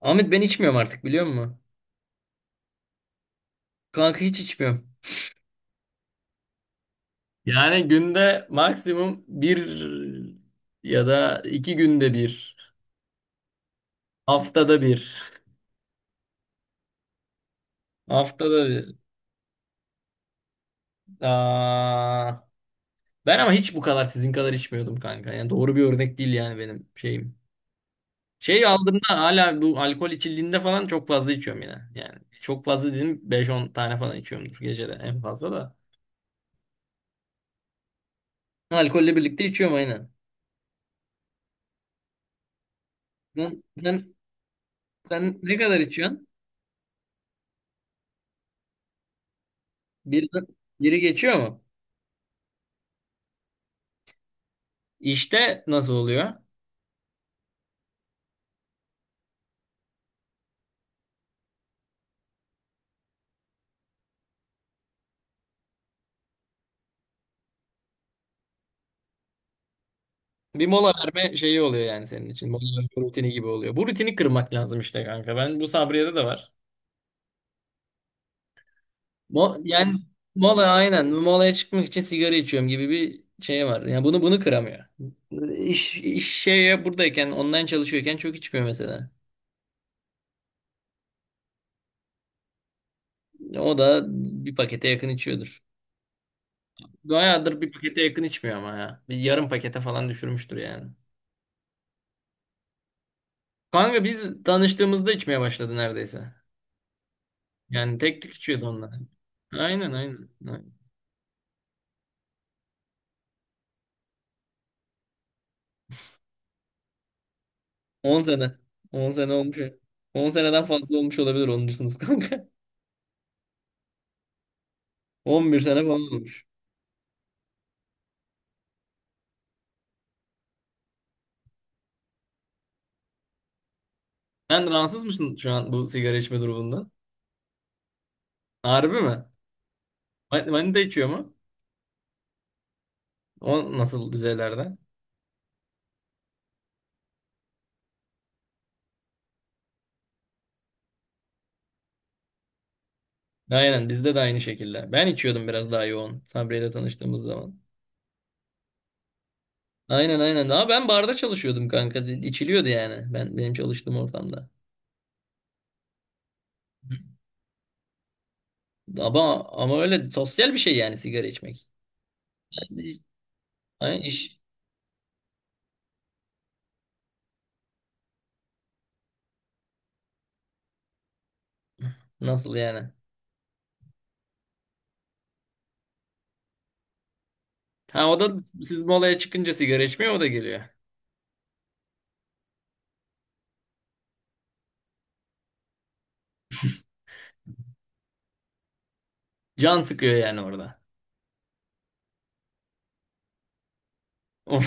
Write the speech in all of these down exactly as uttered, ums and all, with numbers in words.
Ahmet ben içmiyorum artık, biliyor musun? Kanka hiç içmiyorum. Yani günde maksimum bir ya da iki günde bir, haftada bir. Haftada bir. Aa, ben ama hiç bu kadar sizin kadar içmiyordum kanka. Yani doğru bir örnek değil yani benim şeyim. Şey aldığımda hala bu alkol içildiğinde falan çok fazla içiyorum yine. Yani çok fazla dedim, beş on tane falan içiyorumdur gecede en fazla da. Alkolle birlikte içiyorum aynen. Sen, sen, sen ne kadar içiyorsun? Bir, biri geçiyor mu? İşte nasıl oluyor? Bir mola verme şeyi oluyor yani senin için. Mola verme rutini gibi oluyor. Bu rutini kırmak lazım işte kanka. Ben bu Sabriye'de de var. Mo yani mola aynen. Molaya çıkmak için sigara içiyorum gibi bir şey var. Yani bunu bunu kıramıyor. İş, iş şeye buradayken, online çalışıyorken çok içmiyor mesela. O da bir pakete yakın içiyordur. Bayağıdır bir pakete yakın içmiyor ama ya. Bir yarım pakete falan düşürmüştür yani. Kanka biz tanıştığımızda içmeye başladı neredeyse. Yani tek tük içiyordu onlar. Aynen, aynen, aynen. On sene. On sene olmuş. On seneden fazla olmuş olabilir onuncu sınıf kanka. On bir sene falan olmuş. Sen rahatsız mısın şu an bu sigara içme durumundan? Harbi mi? Man- Manita içiyor mu? O nasıl düzeylerde? Aynen bizde de aynı şekilde. Ben içiyordum biraz daha yoğun Sabriye ile tanıştığımız zaman. Aynen aynen. Ama ben barda çalışıyordum kanka. İçiliyordu yani. Ben benim çalıştığım ortamda. Ama ama öyle sosyal bir şey yani sigara içmek. Yani iş, nasıl yani? Ha o da siz molaya çıkınca sigara içmiyor o da geliyor. Can sıkıyor yani orada. Of.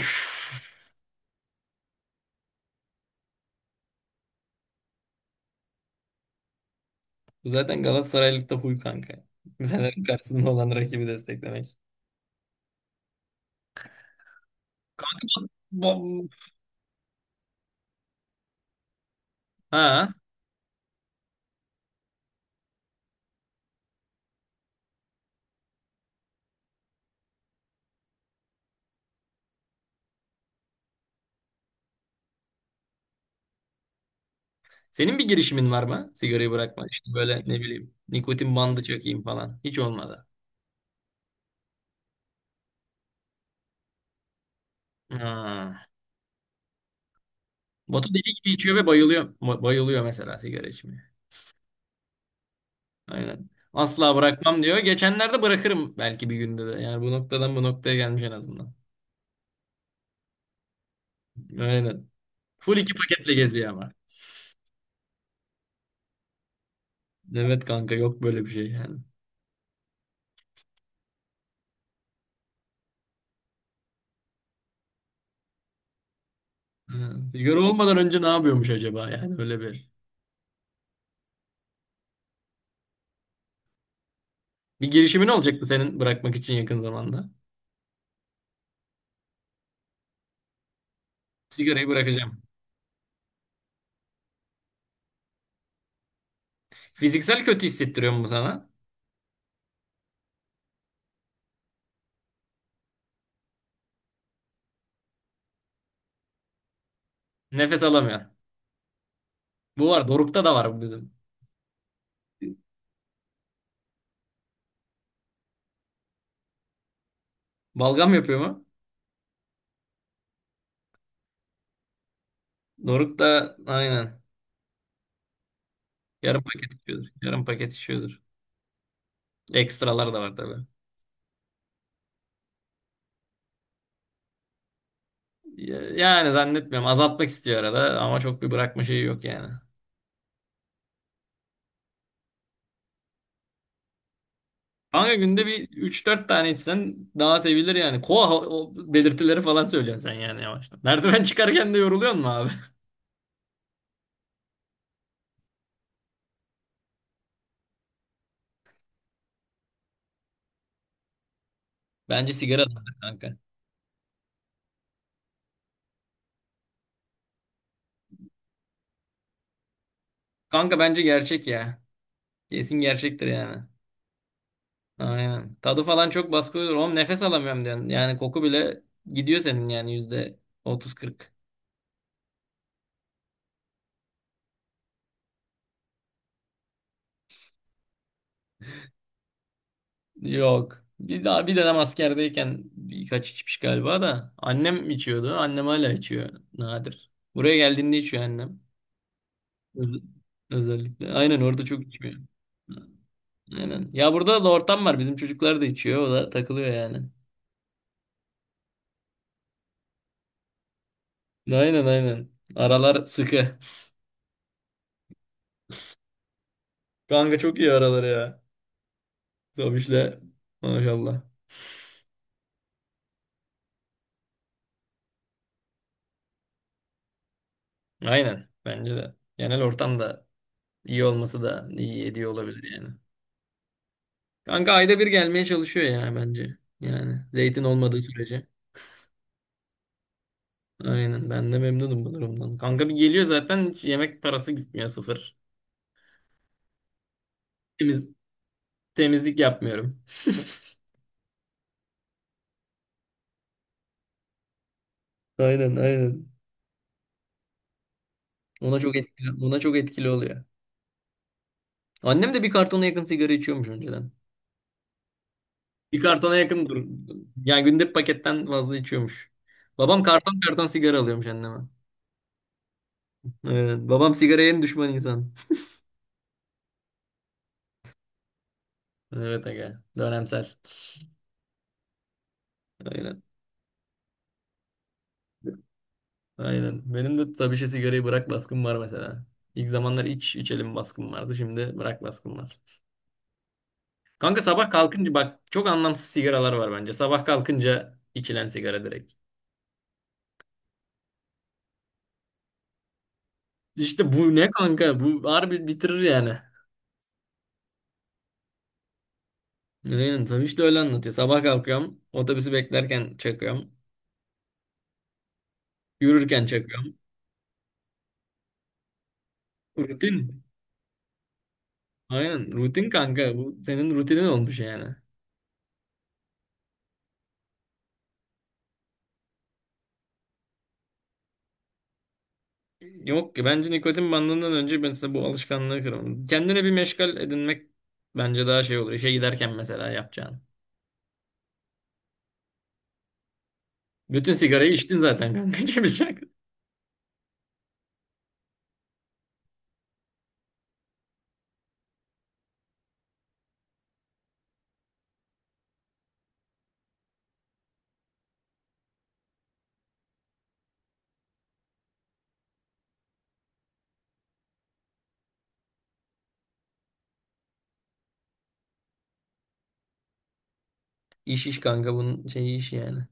Bu zaten Galatasaraylık da huy kanka. Fener'in karşısında olan rakibi desteklemek. Bom. Ha. Senin bir girişimin var mı sigarayı bırakma? İşte böyle ne bileyim, nikotin bandı çekeyim falan. Hiç olmadı. Ha. Batu deli gibi içiyor ve bayılıyor. Ba- Bayılıyor mesela sigara içmeye. Aynen. Asla bırakmam diyor. Geçenlerde bırakırım belki bir günde de. Yani bu noktadan bu noktaya gelmiş en azından. Aynen. Full iki paketle geziyor ama. Evet kanka, yok böyle bir şey yani. Ha. Sigara olmadan önce ne yapıyormuş acaba yani öyle bir. Bir girişimin olacak mı senin bırakmak için yakın zamanda? Sigarayı bırakacağım. Fiziksel kötü hissettiriyor mu sana? Nefes alamıyor. Bu var. Doruk'ta da var bu bizim. Balgam yapıyor mu? Doruk da aynen. Yarım paket içiyordur. Yarım paket içiyordur. Ekstralar da var tabii. Ya- Yani zannetmiyorum. Azaltmak istiyor arada ama çok bir bırakma şeyi yok yani. Kanka günde bir üç dört tane içsen daha sevilir yani. Koa o belirtileri falan söylüyorsun sen yani yavaştan. Merdiven çıkarken de yoruluyor mu abi? Bence sigara da kanka. Kanka bence gerçek ya. Kesin gerçektir yani. Aynen. Tadı falan çok baskı olur. Oğlum nefes alamıyorum diyorsun. Yani koku bile gidiyor senin yani yüzde otuz kırk. Yok. Bir daha bir dönem askerdeyken birkaç içmiş galiba da. Annem içiyordu. Annem hala içiyor. Nadir. Buraya geldiğinde içiyor annem. Öz- özellikle. Aynen orada çok içmiyor. Aynen. Ya burada da ortam var. Bizim çocuklar da içiyor. O da takılıyor yani. Aynen aynen. Aralar sıkı. Kanka çok iyi araları ya. Zabiş'le. Maşallah. Aynen. Bence de. Genel ortam da iyi olması da iyi ediyor olabilir yani. Kanka ayda bir gelmeye çalışıyor ya bence. Yani zeytin olmadığı sürece. Aynen. Ben de memnunum bu durumdan. Kanka bir geliyor zaten hiç yemek parası gitmiyor, sıfır. Temiz, temizlik yapmıyorum. Aynen aynen. Ona çok etkili, ona çok etkili oluyor. Annem de bir kartona yakın sigara içiyormuş önceden. Bir kartona yakın dur. Yani günde bir paketten fazla içiyormuş. Babam karton karton sigara alıyormuş anneme. Evet. Babam sigaraya en düşman insan. Evet aga. Dönemsel. Aynen. Aynen. Benim de tabii şey sigarayı bırak baskım var mesela. İlk zamanlar iç içelim baskım vardı. Şimdi bırak baskım var. Kanka sabah kalkınca bak çok anlamsız sigaralar var bence. Sabah kalkınca içilen sigara direkt. İşte bu ne kanka? Bu harbi bitirir yani. Aynen tabii işte öyle anlatıyor. Sabah kalkıyorum. Otobüsü beklerken çakıyorum. Yürürken çakıyorum. Rutin. Aynen rutin kanka. Bu senin rutinin olmuş yani. Yok ki bence, nikotin bandından önce ben size bu alışkanlığı kıralım. Kendine bir meşgal edinmek bence daha şey olur. İşe giderken mesela yapacağın. Bütün sigarayı içtin zaten kanka. İçmeyecek. İş iş kanka bunun şeyi iş yani.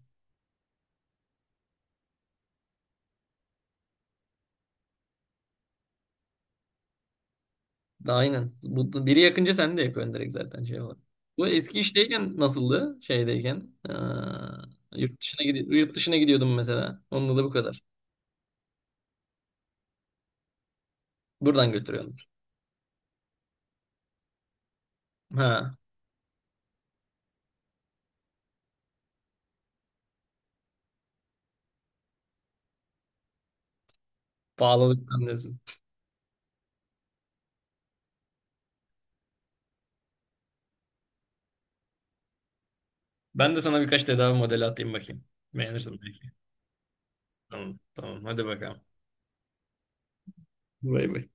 Aynen. Bu, biri yakınca sen de yakıyorsun direkt zaten şey olarak. Bu eski işteyken nasıldı? Şeydeyken. Aa, yurt dışına gidi yurt dışına gidiyordum mesela. Onunla da bu kadar. Buradan götürüyordum. Ha, pahalılık anlıyorsun. Ben de sana birkaç tedavi modeli atayım bakayım. Beğenirsin belki. Tamam, tamam. Hadi bakalım. Bay bay.